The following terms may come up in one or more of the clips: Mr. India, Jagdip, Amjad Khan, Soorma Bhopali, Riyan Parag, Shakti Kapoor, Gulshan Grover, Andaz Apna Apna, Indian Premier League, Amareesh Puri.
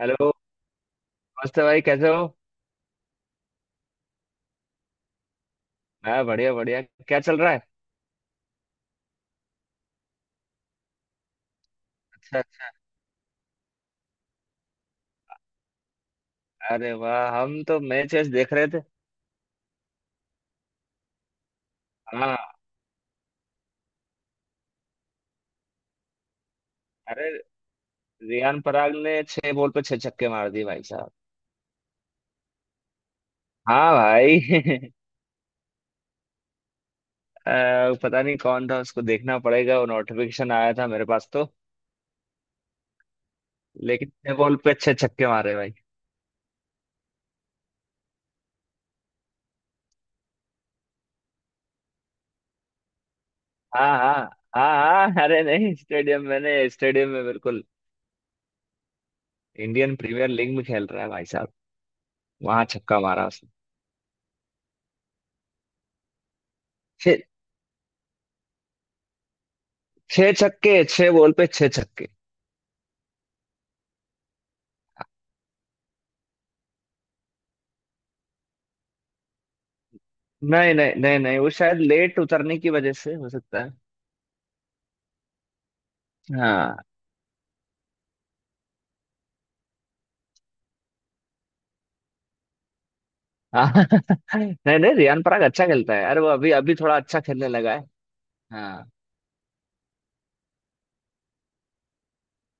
Hello. नमस्ते भाई, कैसे हो? मैं बढ़िया बढ़िया। क्या चल रहा है? अच्छा। अच्छा, अरे वाह, हम तो मैच वैच देख रहे थे। हाँ। अरे, रियान पराग ने छह बॉल पे छह छक्के मार दिए भाई साहब। हाँ भाई। पता नहीं कौन था, उसको देखना पड़ेगा। वो नोटिफिकेशन आया था मेरे पास तो। लेकिन छह बॉल पे छह छक्के मारे भाई। हाँ हाँ। हाँ हाँ, अरे नहीं, स्टेडियम, मैंने स्टेडियम में बिल्कुल। इंडियन प्रीमियर लीग में खेल रहा है भाई साहब। वहां छक्का मारा उसने। छह। छह छक्के, छह बॉल पे छह छक्के। नहीं नहीं नहीं नहीं, वो शायद लेट उतरने की वजह से हो सकता है। हाँ। हाँ। नहीं नहीं, रियान पराग अच्छा खेलता है यार। वो अभी अभी थोड़ा अच्छा खेलने लगा है। हाँ।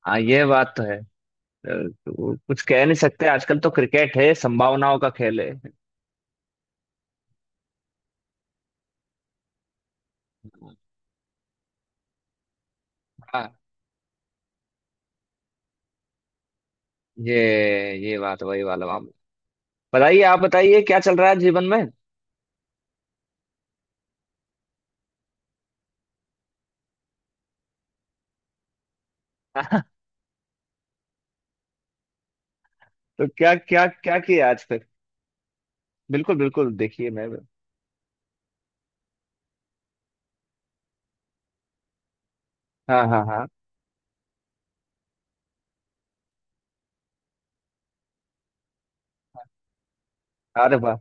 हाँ ये बात तो है। अ, वो कुछ कह नहीं सकते, आजकल तो क्रिकेट है, संभावनाओं का खेल है। हाँ। ये ये बात वही वाला मामला। बताइए, आप बताइए क्या चल रहा है जीवन में। तो क्या क्या क्या किया आज फिर? बिल्कुल बिल्कुल, देखिए मैं। हाँ हाँ हाँ। अरे वाह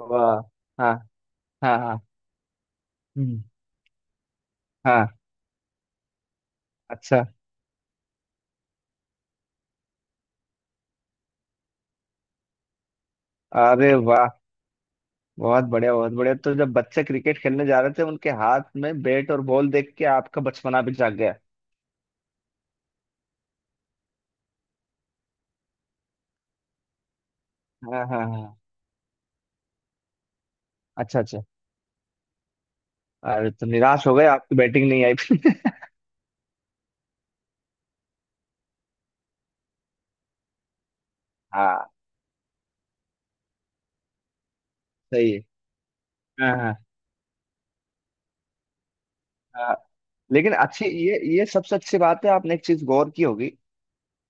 वाह। हाँ हाँ हाँ। हम्म। हाँ। अच्छा। अरे वाह, बहुत बढ़िया बहुत बढ़िया। तो जब बच्चे क्रिकेट खेलने जा रहे थे उनके हाथ में बैट और बॉल देख के आपका बचपना भी जाग गया। हाँ हाँ हाँ। अच्छा अच्छा। अरे, तो निराश हो गए, आपकी बैटिंग नहीं आई फिर? हाँ। सही है। हाँ हाँ। हाँ। लेकिन अच्छी ये सबसे अच्छी बात है, आपने एक चीज गौर की होगी।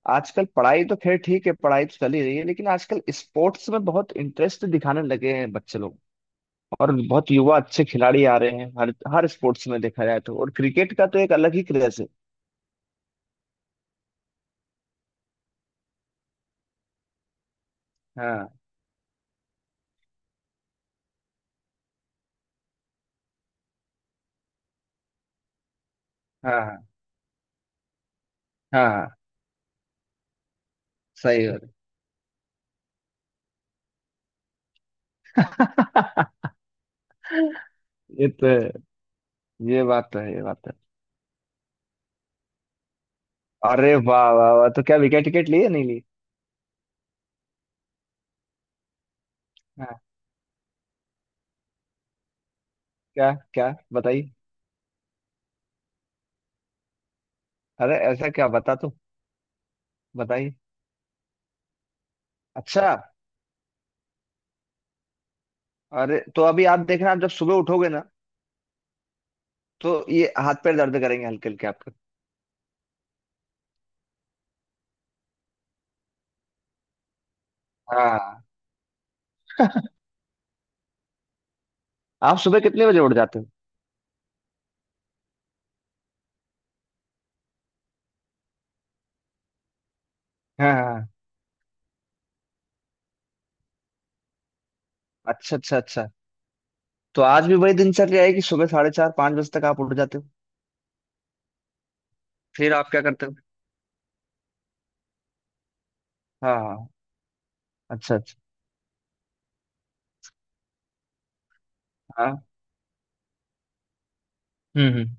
आजकल पढ़ाई तो खैर ठीक है, पढ़ाई तो चल ही रही है, लेकिन आजकल स्पोर्ट्स में बहुत इंटरेस्ट दिखाने लगे हैं बच्चे लोग। और बहुत युवा अच्छे खिलाड़ी आ रहे हैं, हर हर स्पोर्ट्स में देखा जाए तो, और क्रिकेट का तो एक अलग ही क्रेज है। हाँ हाँ। हाँ हाँ। सही बात। ये तो है। ये बात तो है। ये बात तो है। अरे वाह वाह वाह, तो क्या विकेट टिकट ली या नहीं ली? हाँ। क्या क्या बताइए? अरे ऐसा क्या बता तो। बताइए। अच्छा। अरे, तो अभी आप देखना, आप जब सुबह उठोगे ना, तो ये हाथ पैर दर्द करेंगे, हल्के हल्के आपके। हाँ। आप सुबह कितने बजे उठ जाते हो? हाँ हाँ। अच्छा अच्छा अच्छा। तो आज भी वही दिनचर्या है कि सुबह साढ़े चार पाँच बजे तक आप उठ जाते हो? फिर आप क्या करते हो? हाँ हाँ। अच्छा अच्छा। हाँ। हम्म।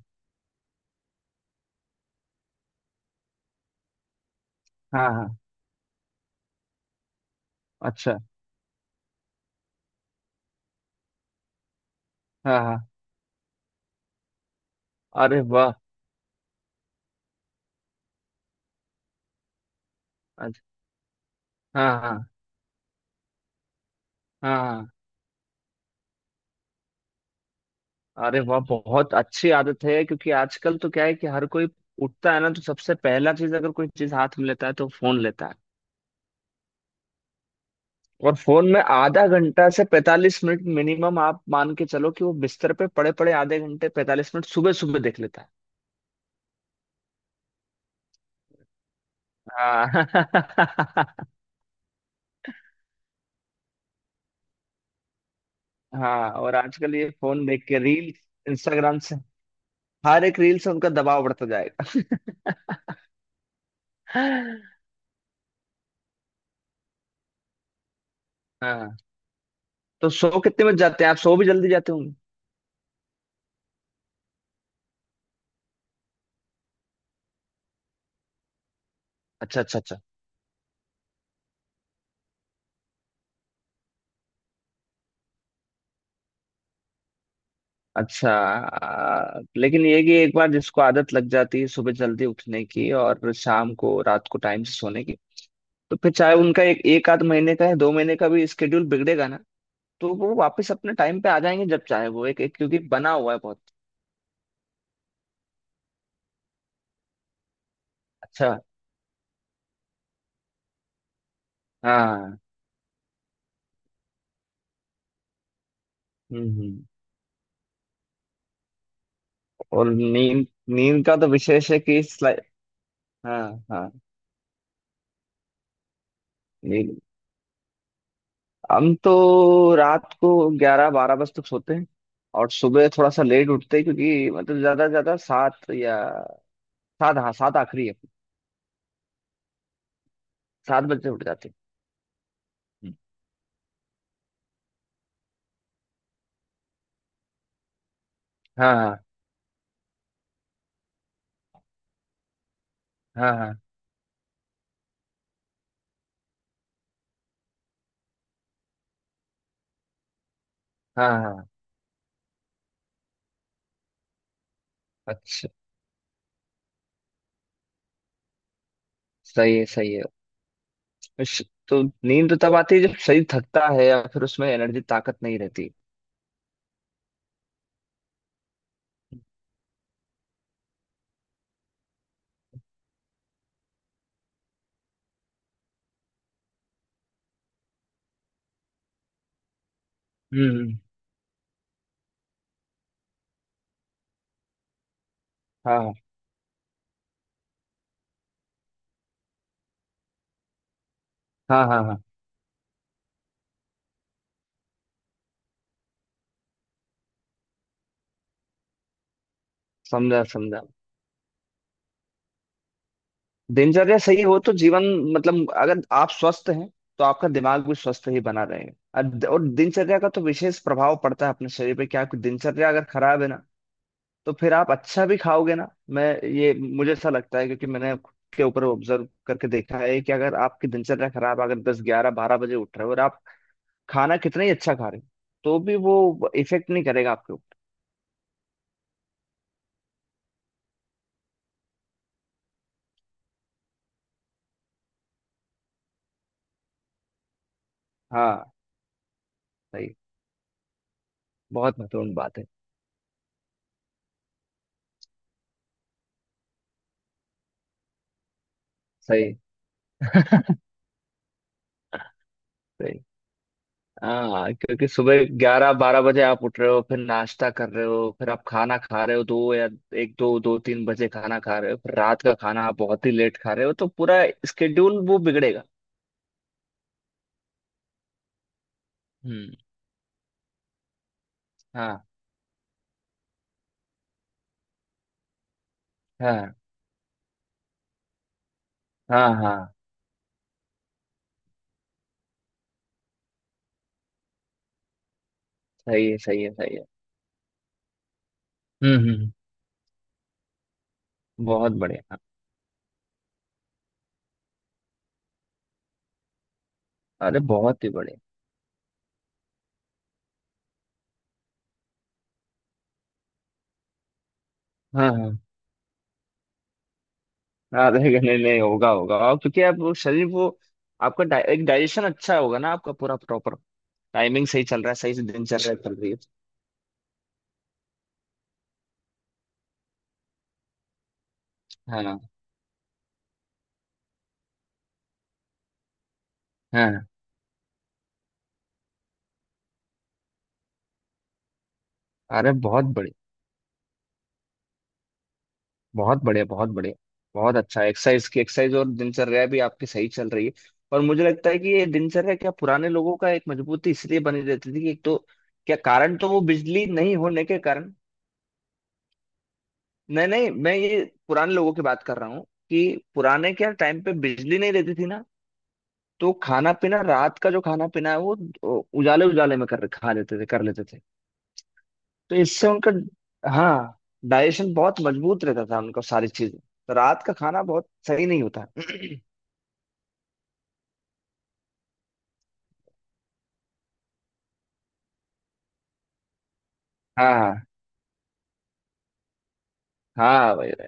हाँ हाँ। अच्छा। हाँ हाँ। अरे वाह। हाँ हाँ हाँ। अरे वाह, बहुत अच्छी आदत है, क्योंकि आजकल तो क्या है कि हर कोई उठता है ना, तो सबसे पहला चीज अगर कोई चीज हाथ में लेता है तो फोन लेता है। और फोन में आधा घंटा से 45 मिनट मिनिमम, आप मान के चलो कि वो बिस्तर पे पड़े पड़े आधे घंटे 45 मिनट सुबह सुबह देख लेता है। हाँ। हाँ, और आजकल ये फोन देख के रील। इंस्टाग्राम से। हर एक रील से उनका दबाव बढ़ता जाएगा। हाँ। तो सो कितने बज जाते हैं? आप सो भी जल्दी जाते होंगे? अच्छा अच्छा अच्छा। अच्छा, लेकिन ये कि एक बार जिसको आदत लग जाती है सुबह जल्दी उठने की और शाम को रात को टाइम से सोने की, तो फिर चाहे उनका एक एक आध महीने का है, दो महीने का भी स्केड्यूल बिगड़ेगा ना। तो वो वापस अपने टाइम पे आ जाएंगे जब चाहे वो एक, एक, क्योंकि बना हुआ है बहुत। अच्छा। हाँ। हम्म हम्म। और नींद। नींद का तो विशेष है कि हाँ। हाँ। नींद। हम तो रात को ग्यारह बारह बजे तक सोते हैं। और सुबह थोड़ा सा लेट उठते हैं, क्योंकि मतलब ज्यादा से ज्यादा सात, या सात, हाँ सात आखिरी है। सात बजते उठ जाते। हम्म। हाँ हाँ हाँ हाँ हाँ हाँ। अच्छा। सही है सही है। तो नींद तब आती है जब शरीर थकता है या फिर उसमें एनर्जी ताकत नहीं रहती। हम्म। हाँ हाँ हाँ हाँ। समझा समझा। दिनचर्या सही हो तो जीवन, मतलब अगर आप स्वस्थ हैं, तो आपका दिमाग भी स्वस्थ ही बना रहेगा, और दिनचर्या का तो विशेष प्रभाव पड़ता है अपने शरीर पे। क्या आपकी दिनचर्या अगर खराब है ना, तो फिर आप अच्छा भी खाओगे ना। मैं, ये मुझे ऐसा लगता है, क्योंकि मैंने खुद के ऊपर ऑब्जर्व करके देखा है कि अगर आपकी दिनचर्या खराब, अगर दस ग्यारह बारह बजे उठ रहे हो और आप खाना कितना ही अच्छा खा रहे हो, तो भी वो इफेक्ट नहीं करेगा आपके ऊपर। हाँ। सही। बहुत महत्वपूर्ण बात है। सही। सही। हाँ, क्योंकि सुबह ग्यारह बारह बजे आप उठ रहे हो, फिर नाश्ता कर रहे हो, फिर आप खाना खा रहे हो दो, या एक दो दो तीन बजे खाना खा रहे हो, फिर रात का खाना आप बहुत ही लेट खा रहे हो, तो पूरा स्केड्यूल वो बिगड़ेगा। हम्म। हाँ हाँ हाँ हाँ। सही है सही है सही है। हम्म। बहुत बढ़िया। अरे बहुत ही बढ़िया। हाँ हाँ, आधे घंटे नहीं होगा होगा, और क्योंकि आप वो शरीर वो आपका एक डाइजेशन अच्छा होगा ना, आपका पूरा प्रॉपर टाइमिंग सही चल रहा है, सही से दिनचर्या चल रही है। हाँ हाँ। अरे बहुत बढ़िया बहुत बढ़िया बहुत बढ़िया। बहुत अच्छा एक्सरसाइज। की एक्सरसाइज और दिनचर्या भी आपकी सही चल रही है। और मुझे लगता है कि ये दिनचर्या क्या पुराने लोगों का एक मजबूती इसलिए बनी रहती थी कि एक तो क्या कारण, तो वो बिजली नहीं होने के कारण। नहीं नहीं, मैं ये पुराने लोगों की बात कर रहा हूँ कि पुराने क्या टाइम पे बिजली नहीं रहती थी ना। तो खाना पीना, रात का जो खाना पीना है वो उजाले उजाले में कर, खा लेते थे, कर लेते थे। तो इससे उनका, हाँ, डाइजेशन बहुत मजबूत रहता था उनका, सारी चीजें, तो रात का खाना बहुत सही नहीं होता। हाँ हाँ हाँ। वही वही।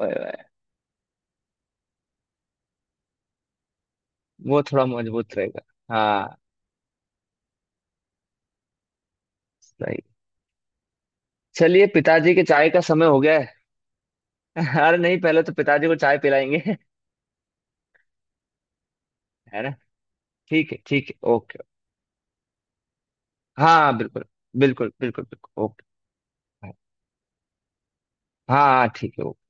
वही वही। वो थोड़ा मजबूत रहेगा। हाँ। सही। चलिए पिताजी के चाय का समय हो गया है। अरे नहीं, पहले तो पिताजी को चाय पिलाएंगे। है ना? ठीक है। ठीक है ओके। हाँ बिल्कुल। बिल्कुल बिल्कुल बिल्कुल ओके। हाँ, हाँ, ठीक है ओके।